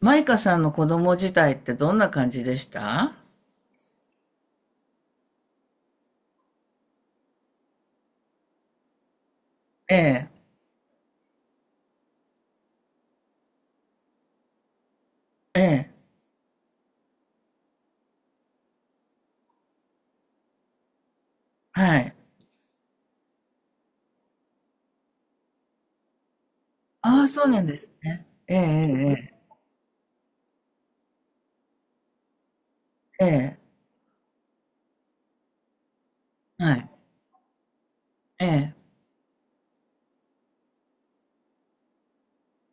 マイカさんの子供自体ってどんな感じでした？ええ、ええ、はい。ああ、そうなんですね。ええ、ええ、ええ、ええ、はい。ええ、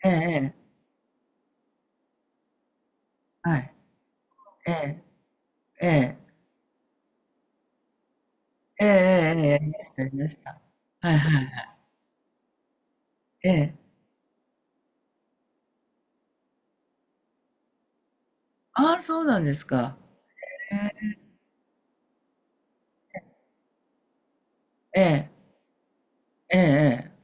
ええ、ええ、はい。ええ、ええ、ええ、ええ、ええ、ありました、ありました。はい、はい。ええ。ああ、そうなんですか。ええ、ええ、ええ。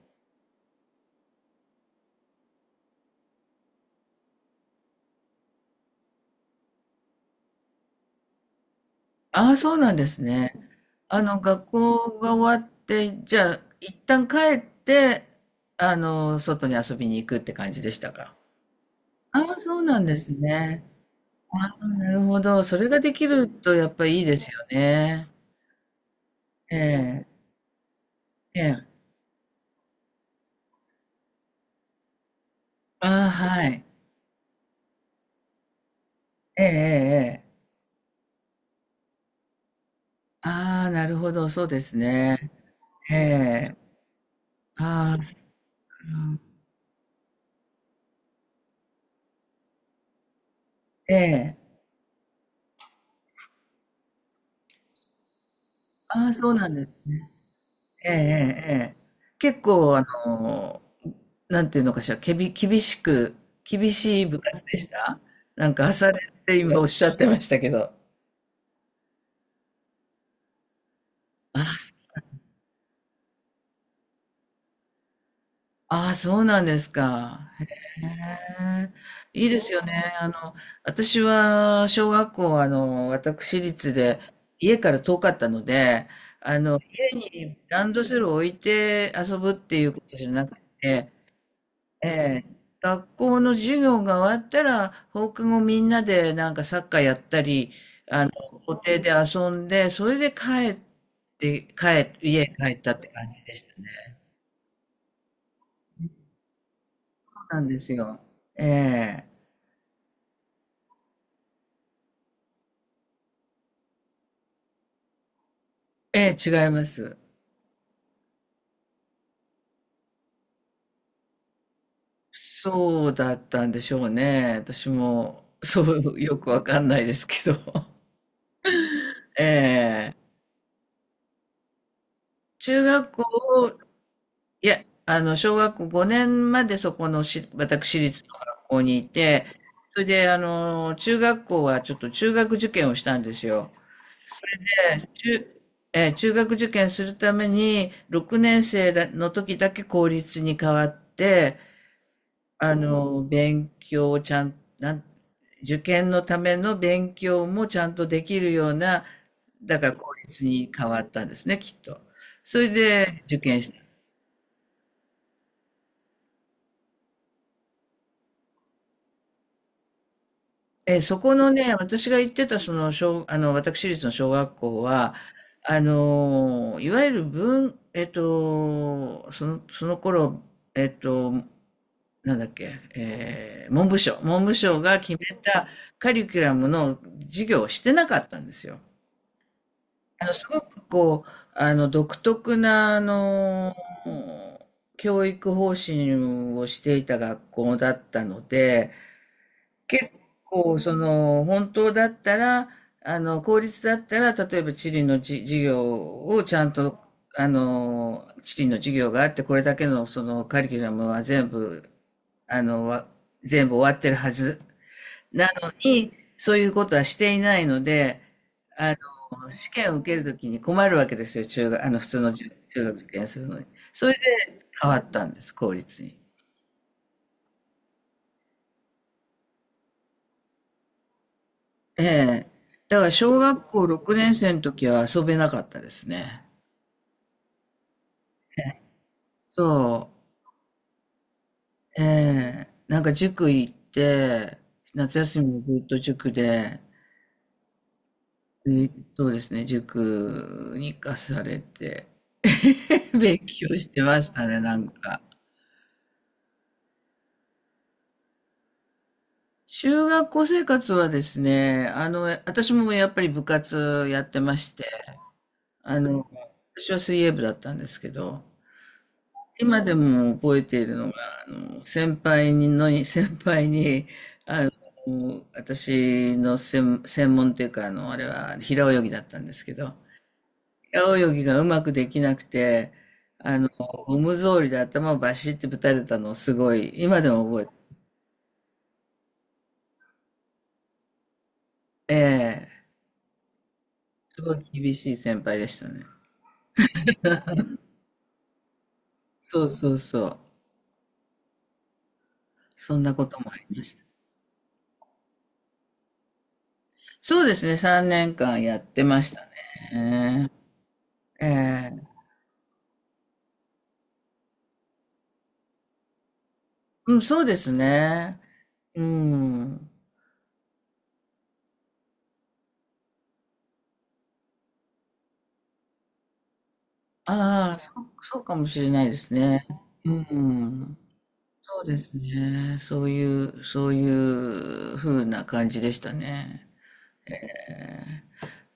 ああ、そうなんですね。学校が終わって、じゃあ、一旦帰って、外に遊びに行くって感じでしたか？ああ、そうなんですね。ああ、なるほど。それができるとやっぱいいですよね。ええ、ええ。ああ、はい。ええ、ええ、ええ。ああ、なるほど、そうですね。ええ。ああ、そっか。ええ。ああ、そうなんですね。ええ、ええ、ええ。結構、なんていうのかしら、厳しい部活でした？なんか朝練って今おっしゃってましたけど。ああ、ああ、そうなんですか。へえ。いいですよね。あの、私は小学校、私立で家から遠かったので、家にランドセルを置いて遊ぶっていうことじゃなくて、ええ、学校の授業が終わったら放課後みんなでなんかサッカーやったり、校庭で遊んで、それで帰って、家に帰ったって感じでしたね。そうなんですよ。ええ。ええ、違います。そうだったんでしょうね。私も、そう、よくわかんないですけど。ええ。中学校を、いや、小学校5年までそこの私立の学校にいて、それで、中学校はちょっと中学受験をしたんですよ。中、中学受験するために、6年生だの時だけ公立に変わって、勉強をちゃん、なん、受験のための勉強もちゃんとできるような、だから公立に変わったんですね、きっと。それで受験した。そこのね、私が行ってた、私立の小学校は、いわゆるその頃、えっと、なんだっけ、文部省が決めたカリキュラムの授業をしてなかったんですよ。すごくこう、独特な、教育方針をしていた学校だったので、結構、本当だったら、公立だったら、例えば地理の授業をちゃんと、地理の授業があって、これだけの、カリキュラムは全部、あの、わ全部終わってるはずなのに、そういうことはしていないので、あ試験を受けるときに困るわけですよ、普通の中、中学受験するのに。それで変わったんです、公立に。ええ。だから小学校6年生の時は遊べなかったですね。そう。ええ。なんか塾行って、夏休みもずっと塾で、でそうですね、塾に行かされて、勉強してましたね、なんか。中学校生活はですね、私もやっぱり部活やってまして、あの、私は水泳部だったんですけど、今でも覚えているのが、先輩にのに、先輩に、もう私の専門っていうか、あれは平泳ぎだったんですけど、平泳ぎがうまくできなくて、あの、ゴム草履で頭をバシッてぶたれたのをすごい、今でも覚えて、ええ、すごい厳しい先輩でしたね。そうそうそう。そんなこともありました。そうですね、3年間やってましたね。ええ、うん、そうですね。うん。ああ、そう、そうかもしれないですね。うん。そうですね。そういう風な感じでしたね。ええ。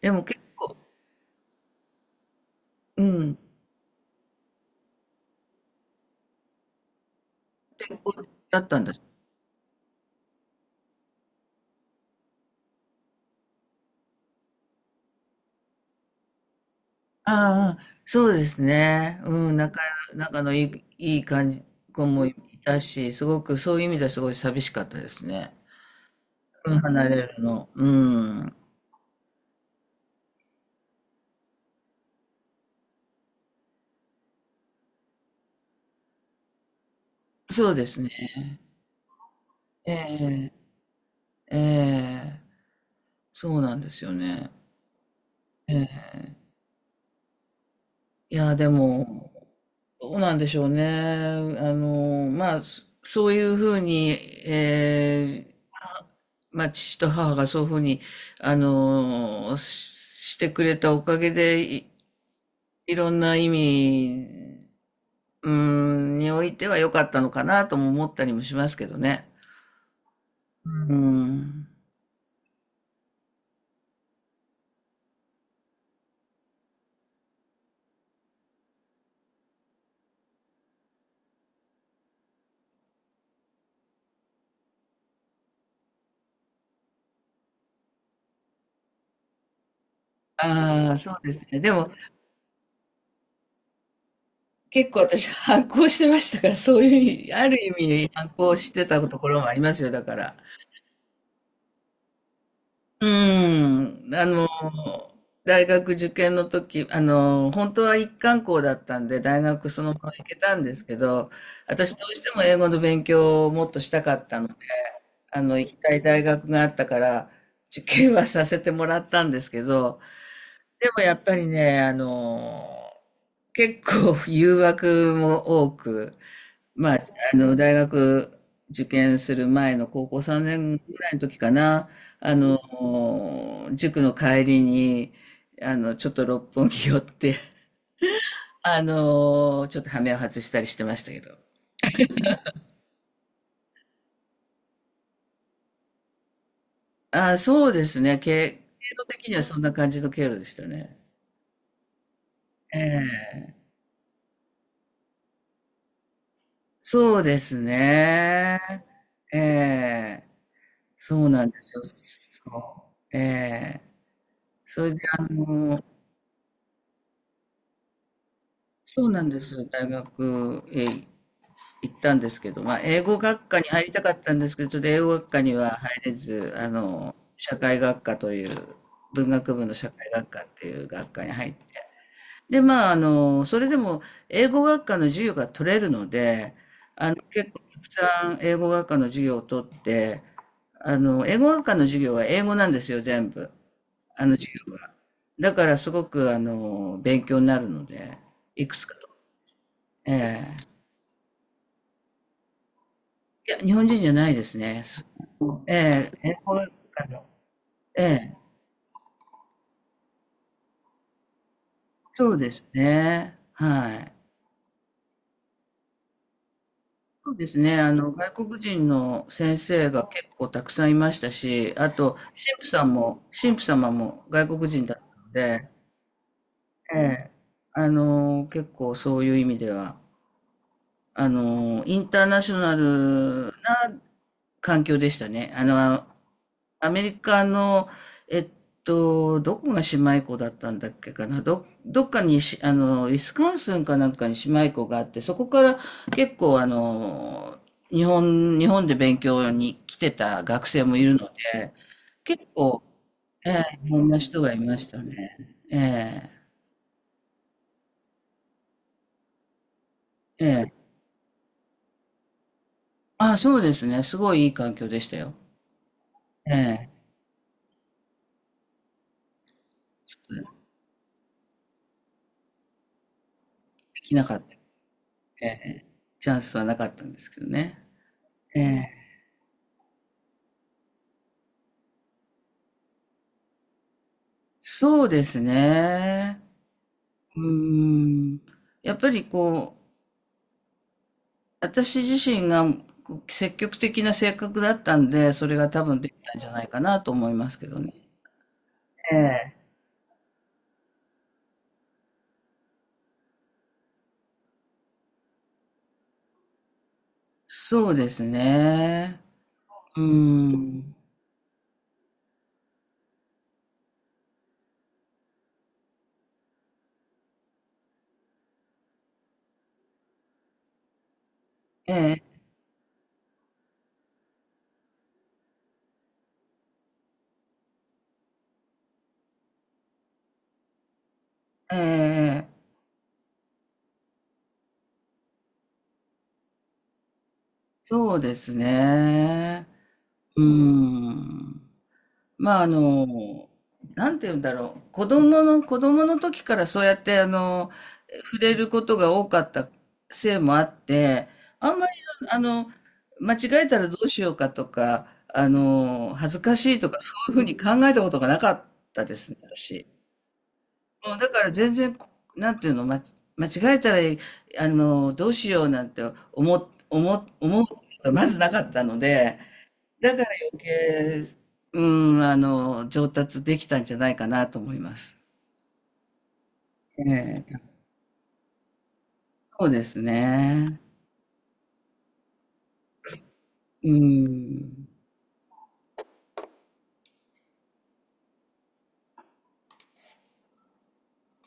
でも結構、うん、健康だったんだ。ああ、そうですね。うん、仲のいい、いい感じ、子もいたし、すごくそういう意味ではすごい寂しかったですね。うん、離れるの。うん。そうですね。ええ、ええ、そうなんですよね。ええ。いや、でも、どうなんでしょうね。まあ、そういうふうに、ええ、まあ、父と母がそういうふうに、あの、ししてくれたおかげで、いろんな意味、においては良かったのかなとも思ったりもしますけどね。うん。ああ、そうですね。でも、結構私反抗してましたから、そういう、ある意味反抗してたところもありますよ、だから。うん、大学受験の時、本当は一貫校だったんで、大学そのまま行けたんですけど、私どうしても英語の勉強をもっとしたかったので、行きたい大学があったから、受験はさせてもらったんですけど、でもやっぱりね、結構誘惑も多く、まあ、大学受験する前の高校3年ぐらいの時かな、塾の帰りに、ちょっと六本木寄って、ちょっと羽目を外したりしてましたけど。ああ、そうですね。経路的にはそんな感じの経路でしたね。ええ。そうですね。ええ。そうなんですよ。そう。ええ。それで、そうなんです。大学へ行ったんですけど、まあ、英語学科に入りたかったんですけど、ちょっと英語学科には入れず、社会学科という、文学部の社会学科っていう学科に入って、で、まあ、それでも英語学科の授業が取れるので、結構たくさん英語学科の授業を取って、英語学科の授業は英語なんですよ、全部。あの授業が。だからすごく、勉強になるので、いくつかと。ええ、いや、日本人じゃないですね。ええ、英語あのええ、そうですね、はい。そうですね、外国人の先生が結構たくさんいましたし、あと、神父さんも、神父様も外国人だったので、ええ、結構そういう意味では、インターナショナルな環境でしたね。アメリカの、えっどこが姉妹校だったんだっけかな。どっかにウィスカンスンかなんかに姉妹校があって、そこから結構日本で勉強に来てた学生もいるので、結構、ええ、いろんな人がいましたね。ええ、ええ。あ、そうですね。すごいいい環境でしたよ。ええ。できなかった。ええ。チャンスはなかったんですけどね。ええ。そうですね。うーん。やっぱりこう、私自身がこう積極的な性格だったんで、それが多分できたんじゃないかなと思いますけどね。ええ。そうですね。うーん。ええ、ええ、そうですね。うーん。まあ、なんて言うんだろう。子供の時からそうやって、触れることが多かったせいもあって、あんまり、あの、間違えたらどうしようかとか、恥ずかしいとか、そういうふうに考えたことがなかったですね、私。もうだから全然、なんていうの、間違えたら、どうしようなんて思うことがまずなかったので、だから余計、うん、上達できたんじゃないかなと思います。ええ、そうですね。うん。